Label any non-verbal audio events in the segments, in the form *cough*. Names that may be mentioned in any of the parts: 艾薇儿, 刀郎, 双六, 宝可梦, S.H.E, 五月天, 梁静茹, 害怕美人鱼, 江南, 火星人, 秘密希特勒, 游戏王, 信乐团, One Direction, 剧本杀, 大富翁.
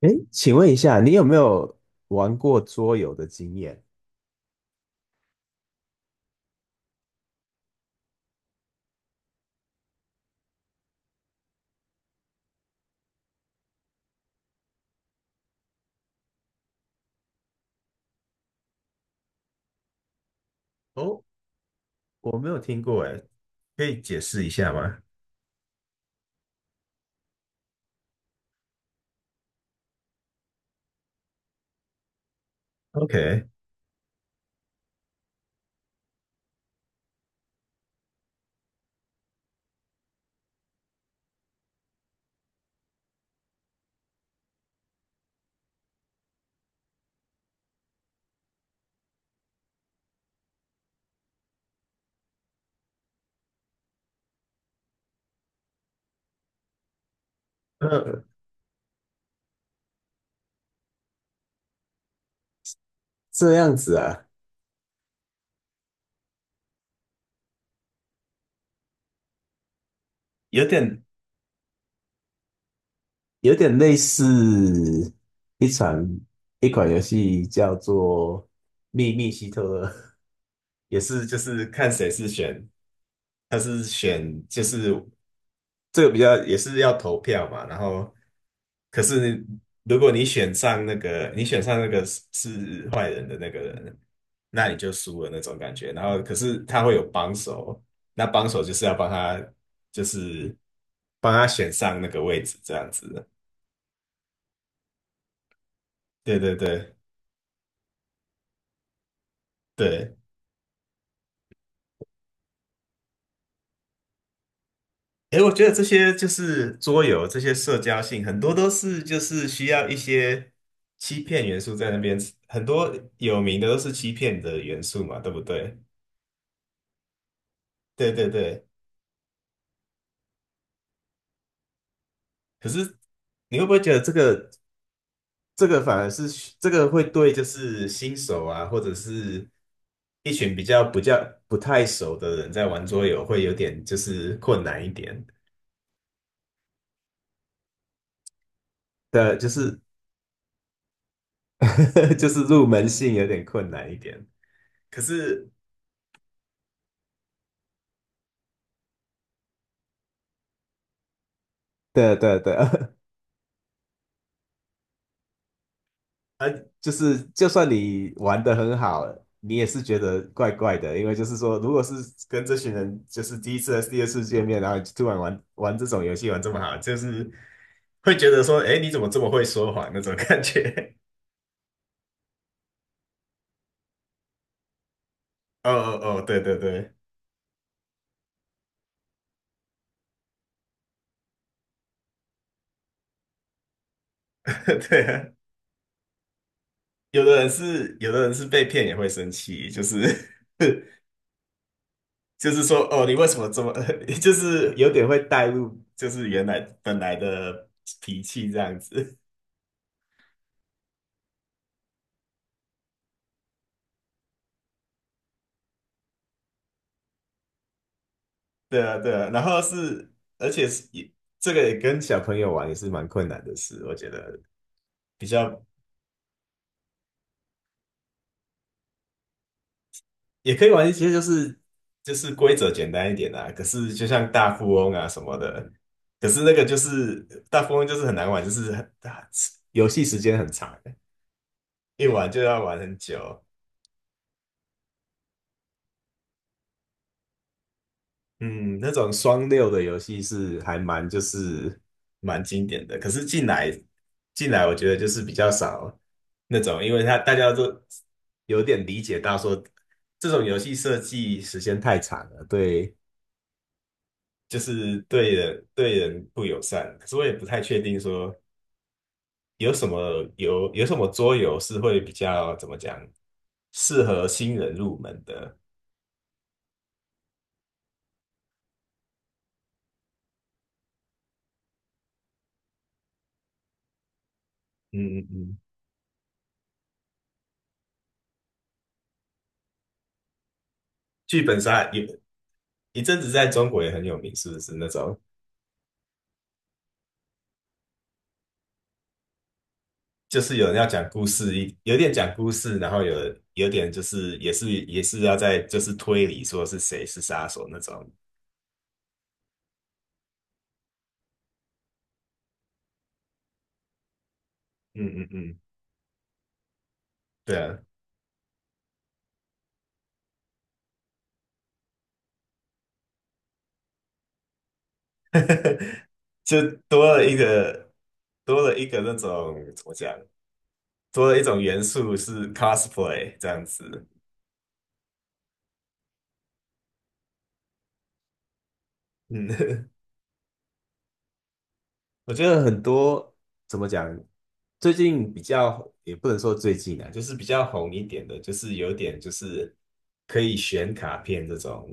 诶，请问一下，你有没有玩过桌游的经验？哦，我没有听过诶，可以解释一下吗？OK，呃，这样子啊，有点有点类似一场一款游戏叫做《秘密希特勒》，也是就是看谁是选，他是选就是这个比较也是要投票嘛，然后可是如果你选上那个，你选上那个是坏人的那个人，那你就输了那种感觉。然后可是他会有帮手，那帮手就是要帮他，就是帮他选上那个位置这样子。对对对对，诶，我觉得这些就是桌游，这些社交性很多都是就是需要一些欺骗元素在那边，很多有名的都是欺骗的元素嘛，对不对？对对对，可是你会不会觉得这个反而是这个会对就是新手啊，或者是一群比较不较不太熟的人在玩桌游会有点就是困难一点的，就是 *laughs* 就是入门性有点困难一点。可是对对对，*laughs* 呃，就是就算你玩的很好，你也是觉得怪怪的，因为就是说，如果是跟这群人就是第一次还是第二次见面，然后突然玩这种游戏玩这么好，就是会觉得说，哎，你怎么这么会说谎那种感觉。*laughs* 哦哦哦，对对对，*laughs* 对啊，有的人是被骗也会生气，就是 *laughs* 就是说，哦，你为什么这么，*laughs* 就是有点会带入，就是原来本来的脾气这样子。对啊，对啊，然后是，而且是也这个也跟小朋友玩也是蛮困难的事，我觉得比较也可以玩一些，就是规则简单一点啊。可是就像大富翁啊什么的，可是那个就是大富翁就是很难玩，就是很大，游戏时间很长，一玩就要玩很久。嗯，那种双六的游戏是还蛮就是蛮经典的，可是进来，我觉得就是比较少那种，因为他大家都有点理解到说，这种游戏设计时间太长了，对，就是对人不友善。可是我也不太确定说有什么有什么桌游是会比较怎么讲适合新人入门的。嗯嗯嗯，剧本杀有一阵子在中国也很有名，是不是那种？就是有人要讲故事，有点讲故事，然后有点就是也是要在就是推理说是谁是杀手那种。嗯嗯嗯，对啊，*laughs* 就多了一个多了一个那种怎么讲，多了一种元素是 cosplay 这样子。嗯，*laughs* 我觉得很多怎么讲，最近比较也不能说最近啊，就是比较红一点的，就是有点就是可以选卡片这种，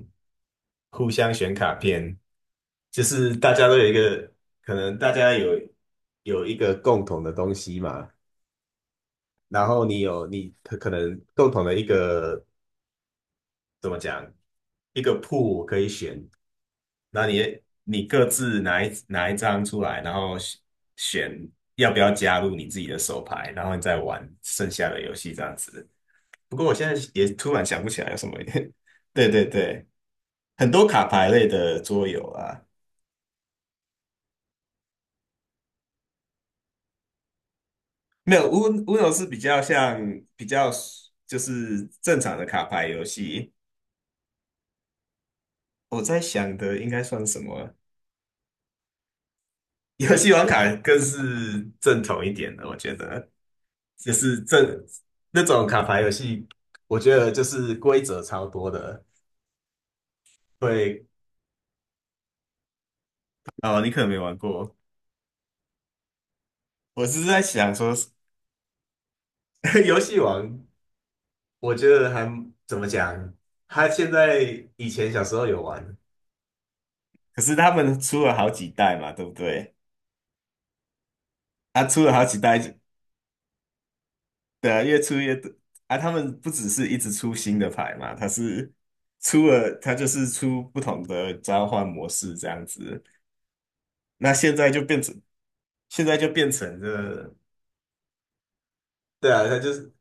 互相选卡片，就是大家都有一个，可能大家有一个共同的东西嘛，然后你有你可能共同的一个怎么讲，一个 pool 可以选，那你各自拿一张出来，然后选要不要加入你自己的手牌，然后你再玩剩下的游戏这样子。不过我现在也突然想不起来有什么，*laughs* 对对对，很多卡牌类的桌游啊，没有 u 是比较像比较就是正常的卡牌游戏。我在想的应该算什么？*laughs* 游戏王卡更是正统一点的，我觉得。就是这那种卡牌游戏，我觉得就是规则超多的，会 *laughs* 哦，你可能没玩过。我是在想说，*laughs* 游戏王，我觉得还怎么讲，他现在以前小时候有玩，可是他们出了好几代嘛，对不对？他出了好几代，对啊，越出越多啊。他们不只是一直出新的牌嘛，他是出了，他就是出不同的召唤模式这样子。那现在就变成这，对啊，它就是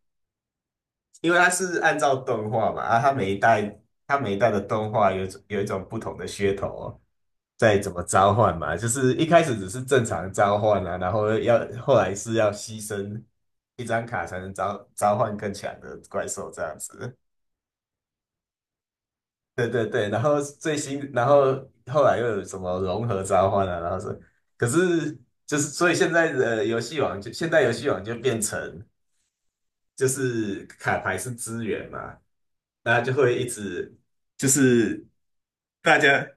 因为它是按照动画嘛，啊，它每一代的动画有一种不同的噱头哦，在怎么召唤嘛，就是一开始只是正常召唤啊，然后要后来是要牺牲一张卡才能召唤更强的怪兽这样子。对对对，然后最新，然后后来又有什么融合召唤啊，然后是，可是就是所以现在游戏王就变成。就是卡牌是资源嘛，那就会一直就是大家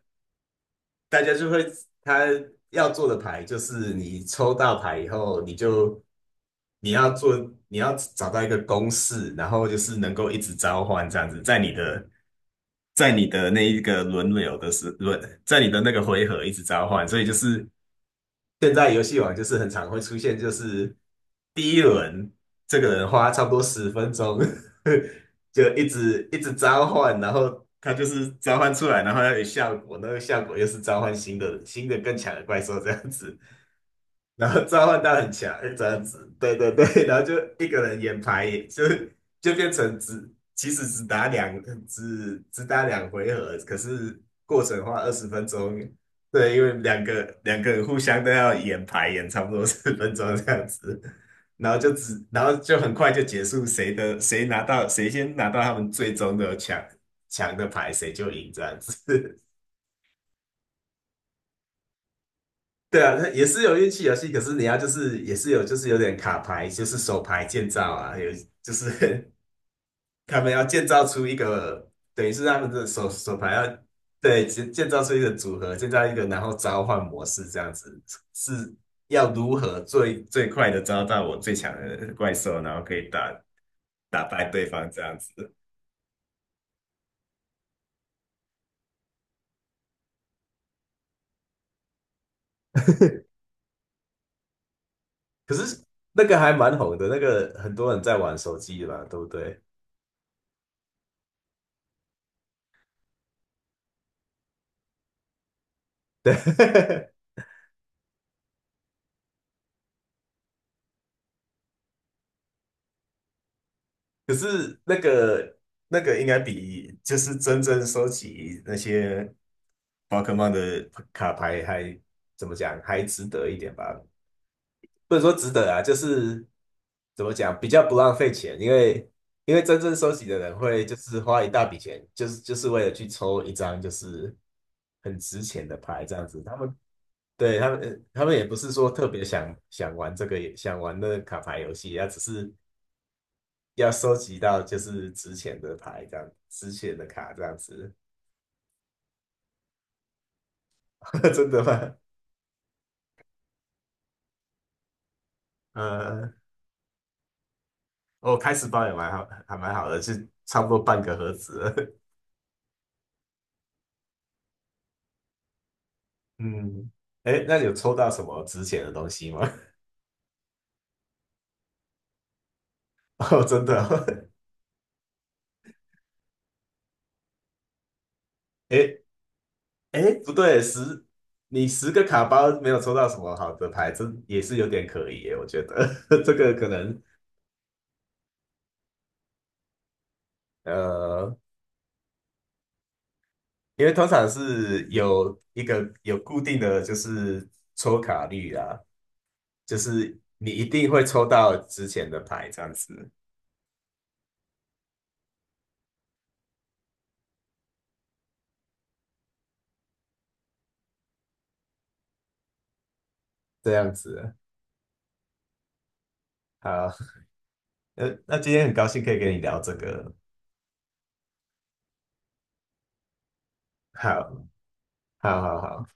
大家就会他要做的牌就是你抽到牌以后，你就你要做你要找到一个公式，然后就是能够一直召唤这样子，在你的那一个轮流的时轮，在你的那个回合一直召唤，所以就是现在游戏王就是很常会出现，就是第一轮这个人花差不多十分钟，*laughs* 就一直一直召唤，然后他就是召唤出来，然后要有效果，那个效果又是召唤新的更强的怪兽这样子。然后召唤到很强这样子，对对对，然后就一个人演牌，就变成只其实只打两只打两回合，可是过程花20分钟，对，因为两个人互相都要演牌，演差不多十分钟这样子，然后然后就很快就结束，谁先拿到他们最终的强的牌，谁就赢这样子。对啊，那也是有运气游戏，可是你要就是也是有就是有点卡牌，就是手牌建造啊，有就是 *laughs* 他们要建造出一个，等于是他们的手牌要对建造出一个组合，建造一个然后召唤模式这样子，是要如何最快的招到我最强的怪兽，然后可以打败对方这样子。*laughs* 可是那个还蛮红的，那个很多人在玩手机嘛，对不对？*laughs* 对，可是那个应该比就是真正收集那些宝可梦的卡牌还怎么讲，还值得一点吧？不能说值得啊，就是怎么讲，比较不浪费钱，因为真正收集的人会就是花一大笔钱，就是为了去抽一张就是很值钱的牌这样子。他们对他们也不是说特别想玩这个想玩那个卡牌游戏，他只是要收集到就是值钱的牌，这样值钱的卡这样子，*laughs* 真的吗？呃，我、开始包也蛮好，还蛮好的，就差不多半个盒子了 *laughs* 嗯，哎，那你有抽到什么值钱的东西吗？*laughs* 哦，真的哦，*laughs* 哎哎，不对，你10个卡包没有抽到什么好的牌，这也是有点可疑耶，我觉得 *laughs* 这个可能呃，因为通常是有一个有固定的就是抽卡率啊，就是你一定会抽到之前的牌，这样子。好，那今天很高兴可以跟你聊这个。好，好，好，好，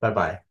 拜拜。